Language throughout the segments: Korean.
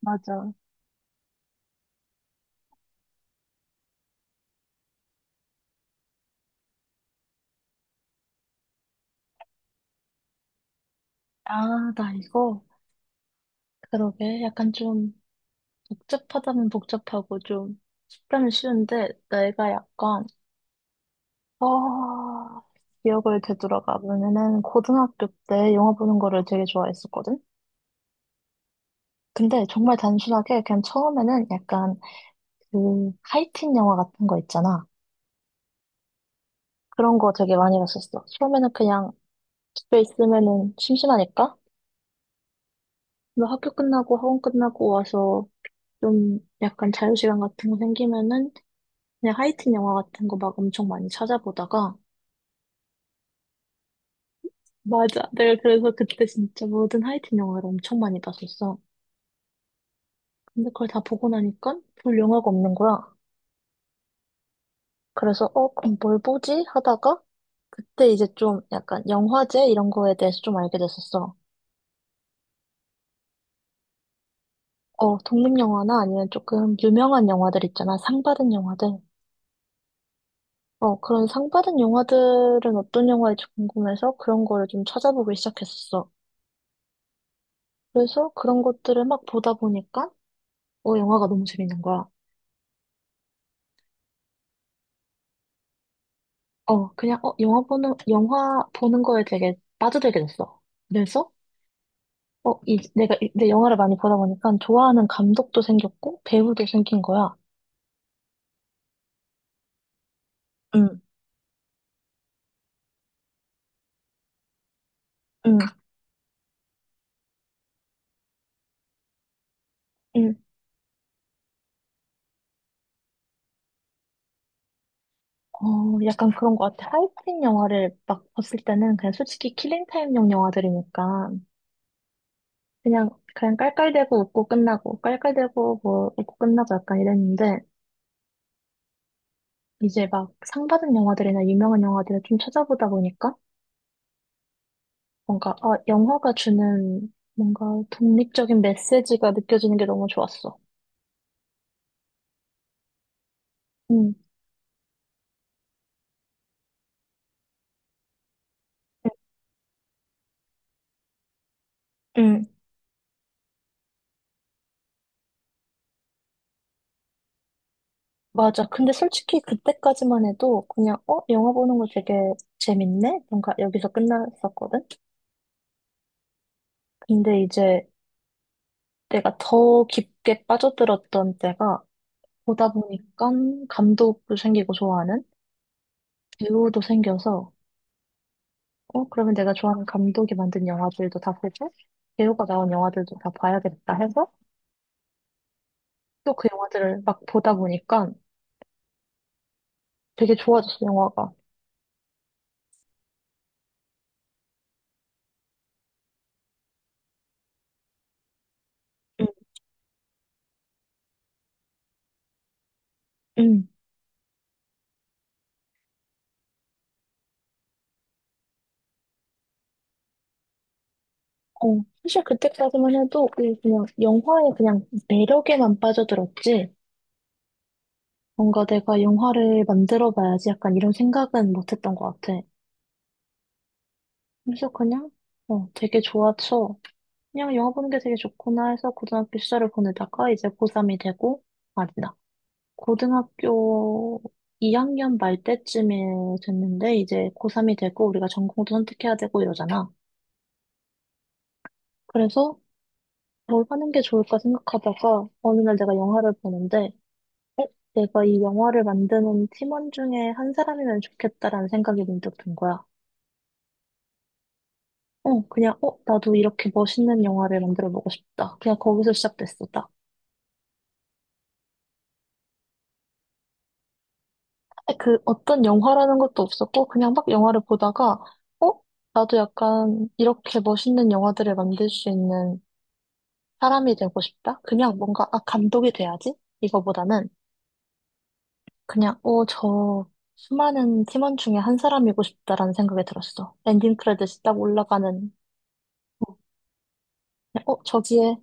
맞아. 아, 나 이거, 그러게. 약간 좀 복잡하다면 복잡하고 좀 쉽다면 쉬운데, 내가 약간, 아, 기억을 되돌아가 보면은 고등학교 때 영화 보는 거를 되게 좋아했었거든? 근데 정말 단순하게 그냥 처음에는 약간 그 하이틴 영화 같은 거 있잖아. 그런 거 되게 많이 봤었어. 처음에는 그냥 집에 있으면은 심심하니까. 뭐 학교 끝나고 학원 끝나고 와서 좀 약간 자유시간 같은 거 생기면은 그냥 하이틴 영화 같은 거 막 엄청 많이 찾아보다가 맞아. 내가 그래서 그때 진짜 모든 하이틴 영화를 엄청 많이 봤었어. 근데 그걸 다 보고 나니까 볼 영화가 없는 거야. 그래서 그럼 뭘 보지? 하다가 그때 이제 좀 약간 영화제 이런 거에 대해서 좀 알게 됐었어. 독립영화나 아니면 조금 유명한 영화들 있잖아. 상 받은 영화들. 그런 상 받은 영화들은 어떤 영화인지 궁금해서 그런 거를 좀 찾아보기 시작했었어. 그래서 그런 것들을 막 보다 보니까 영화가 너무 재밌는 거야. 그냥, 영화 보는 거에 되게 빠져들게 됐어. 그래서, 내가 이제 영화를 많이 보다 보니까 좋아하는 감독도 생겼고, 배우도 생긴 거야. 응, 응, 응. 약간 그런 것 같아. 하이틴 영화를 막 봤을 때는 그냥 솔직히 킬링타임용 영화들이니까 그냥 깔깔대고 웃고 끝나고, 깔깔대고 뭐 웃고 끝나고 약간 이랬는데, 이제 막 상 받은 영화들이나 유명한 영화들을 좀 찾아보다 보니까 영화가 주는 뭔가 독립적인 메시지가 느껴지는 게 너무 좋았어. 응, 응, 응. 맞아. 근데 솔직히 그때까지만 해도 그냥, 영화 보는 거 되게 재밌네? 뭔가 여기서 끝났었거든? 근데 이제 내가 더 깊게 빠져들었던 때가 보다 보니까 감독도 생기고 좋아하는 배우도 생겨서, 그러면 내가 좋아하는 감독이 만든 영화들도 다 보고, 배우가 나온 영화들도 다 봐야겠다 해서 또 그 영화들을 막 보다 보니까 되게 좋아졌어, 영화가. 응, 응. 사실 그때까지만 해도 그냥 영화의 그냥 매력에만 빠져들었지. 뭔가 내가 영화를 만들어 봐야지 약간 이런 생각은 못 했던 것 같아. 그래서 그냥, 되게 좋아서 그냥 영화 보는 게 되게 좋구나 해서 고등학교 시절을 보내다가 이제 고3이 되고, 아니다. 고등학교 2학년 말 때쯤에 됐는데 이제 고3이 되고 우리가 전공도 선택해야 되고 이러잖아. 그래서 뭘 하는 게 좋을까 생각하다가 어느 날 내가 영화를 보는데 내가 이 영화를 만드는 팀원 중에 한 사람이면 좋겠다라는 생각이 문득 든 거야. 나도 이렇게 멋있는 영화를 만들어 보고 싶다. 그냥 거기서 시작됐어, 딱. 그 어떤 영화라는 것도 없었고 그냥 막 영화를 보다가 어, 나도 약간 이렇게 멋있는 영화들을 만들 수 있는 사람이 되고 싶다. 그냥 뭔가 감독이 돼야지. 이거보다는 그냥, 저 수많은 팀원 중에 한 사람이고 싶다라는 생각이 들었어. 엔딩 크레딧이 딱 올라가는, 어, 그냥,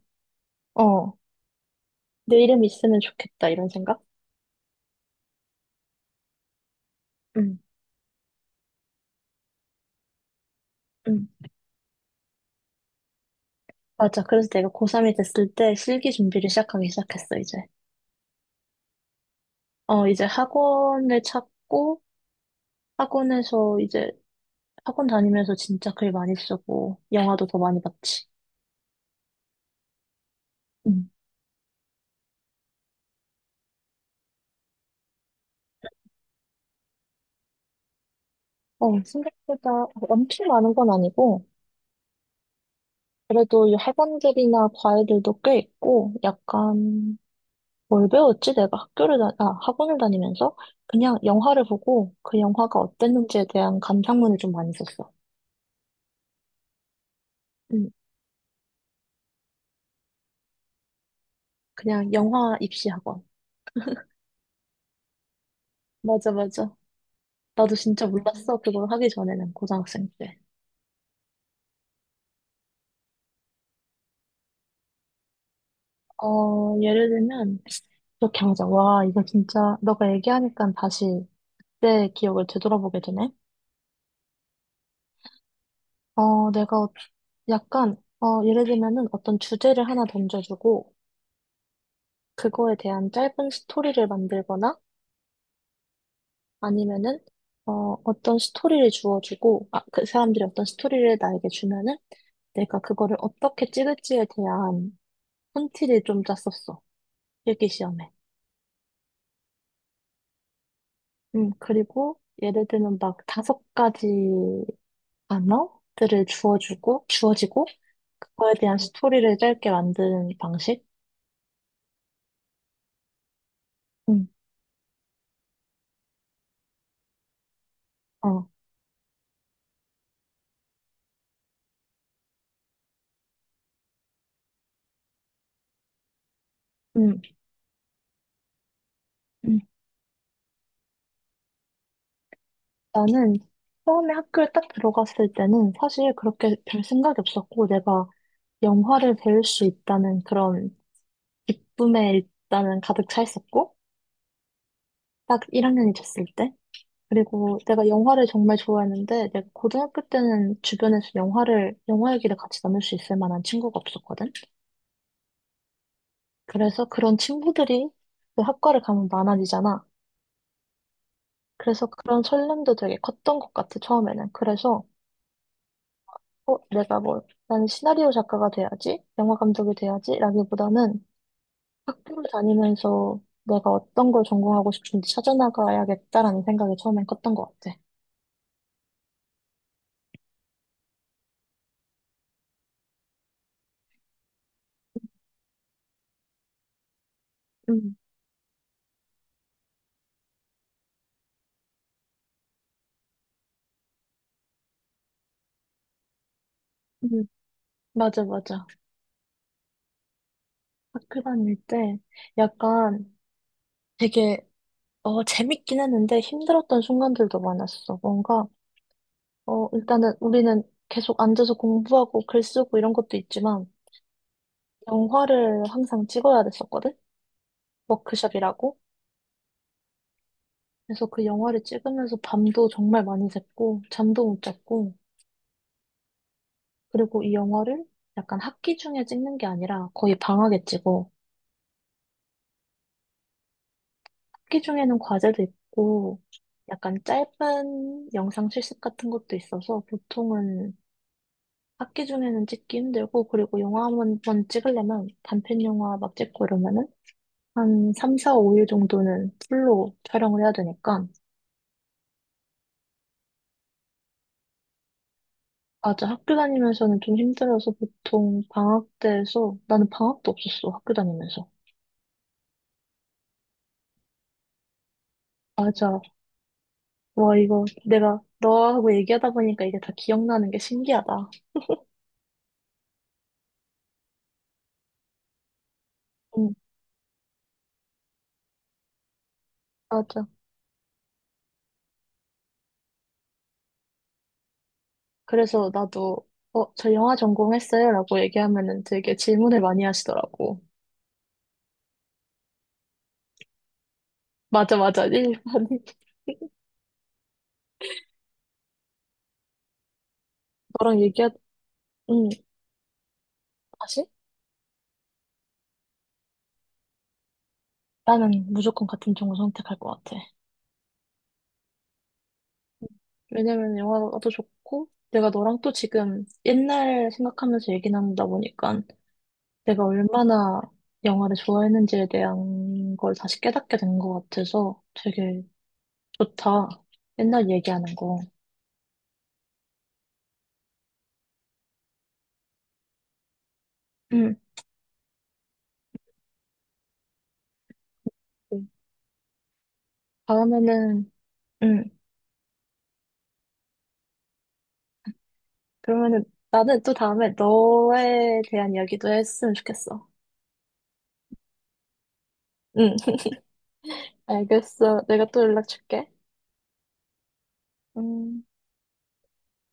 어, 내 이름 있으면 좋겠다, 이런 생각? 응, 응. 맞아. 그래서 내가 고3이 됐을 때 실기 준비를 시작하기 시작했어, 이제. 이제 학원을 찾고, 학원에서 이제, 학원 다니면서 진짜 글 많이 쓰고, 영화도 더 많이 봤지. 응. 생각보다 엄청 많은 건 아니고, 그래도 이 학원들이나 과외들도 꽤 있고, 약간, 뭘 배웠지? 내가 학교를, 다, 아, 학원을 다니면서 그냥 영화를 보고 그 영화가 어땠는지에 대한 감상문을 좀 많이 썼어. 음, 그냥 영화 입시 학원. 맞아, 맞아. 나도 진짜 몰랐어. 그걸 하기 전에는 고등학생 때. 예를 들면, 이렇게 하자. 와, 이거 진짜, 너가 얘기하니까 다시 내 기억을 되돌아보게 되네. 어, 내가 예를 들면은 어떤 주제를 하나 던져주고, 그거에 대한 짧은 스토리를 만들거나 아니면은 어떤 스토리를 주어주고 그 사람들이 어떤 스토리를 나에게 주면은 내가 그거를 어떻게 찍을지에 대한 콘티를 좀 짰었어. 필기 시험에. 그리고 예를 들면 막 다섯 가지 단어들을 주어주고 주어지고 그거에 대한 스토리를 짧게 만드는 방식? 음, 어, 음. 음. 나는 처음에 학교에 딱 들어갔을 때는 사실 그렇게 별 생각이 없었고 내가 영화를 배울 수 있다는 그런 기쁨에 일단은 가득 차 있었고 딱 1학년이 됐을 때 그리고 내가 영화를 정말 좋아했는데 내가 고등학교 때는 주변에서 영화 얘기를 같이 나눌 수 있을 만한 친구가 없었거든. 그래서 그런 친구들이 그 학과를 가면 많아지잖아. 그래서 그런 설렘도 되게 컸던 것 같아 처음에는. 그래서 어, 내가 뭐, 나는 시나리오 작가가 돼야지, 영화 감독이 돼야지, 라기보다는 학교를 다니면서 내가 어떤 걸 전공하고 싶은지 찾아나가야겠다라는 생각이 처음엔 컸던 것 같아. 음, 음, 맞아, 맞아. 학교 다닐 때 약간 되게, 재밌긴 했는데 힘들었던 순간들도 많았어. 일단은 우리는 계속 앉아서 공부하고 글 쓰고 이런 것도 있지만, 영화를 항상 찍어야 됐었거든? 워크숍이라고. 그래서 그 영화를 찍으면서 밤도 정말 많이 샜고, 잠도 못 잤고, 그리고 이 영화를 약간 학기 중에 찍는 게 아니라 거의 방학에 찍어. 학기 중에는 과제도 있고, 약간 짧은 영상 실습 같은 것도 있어서 보통은 학기 중에는 찍기 힘들고, 그리고 영화 한번 찍으려면 단편 영화 막 찍고 이러면은 한 3, 4, 5일 정도는 풀로 촬영을 해야 되니까, 맞아. 학교 다니면서는 좀 힘들어서 보통 방학 때에서 나는 방학도 없었어. 학교 다니면서. 맞아. 와, 이거 내가 너하고 얘기하다 보니까 이게 다 기억나는 게 신기하다. 응, 맞아. 그래서 나도 저 영화 전공했어요, 라고 얘기하면은 되게 질문을 많이 하시더라고. 맞아, 맞아. 일반이. 너랑 얘기하, 응, 다시? 나는 무조건 같은 종을 선택할 것 같아. 왜냐면 영화도 좋고, 내가 너랑 또 지금 옛날 생각하면서 얘기 나누다 보니까 내가 얼마나 영화를 좋아했는지에 대한 걸 다시 깨닫게 된 것 같아서 되게 좋다. 옛날 얘기하는 거. 응. 음. 다음에는, 응. 그러면은 나는 또 다음에 너에 대한 이야기도 했으면 좋겠어. 응. 알겠어. 내가 또 연락 줄게. 음.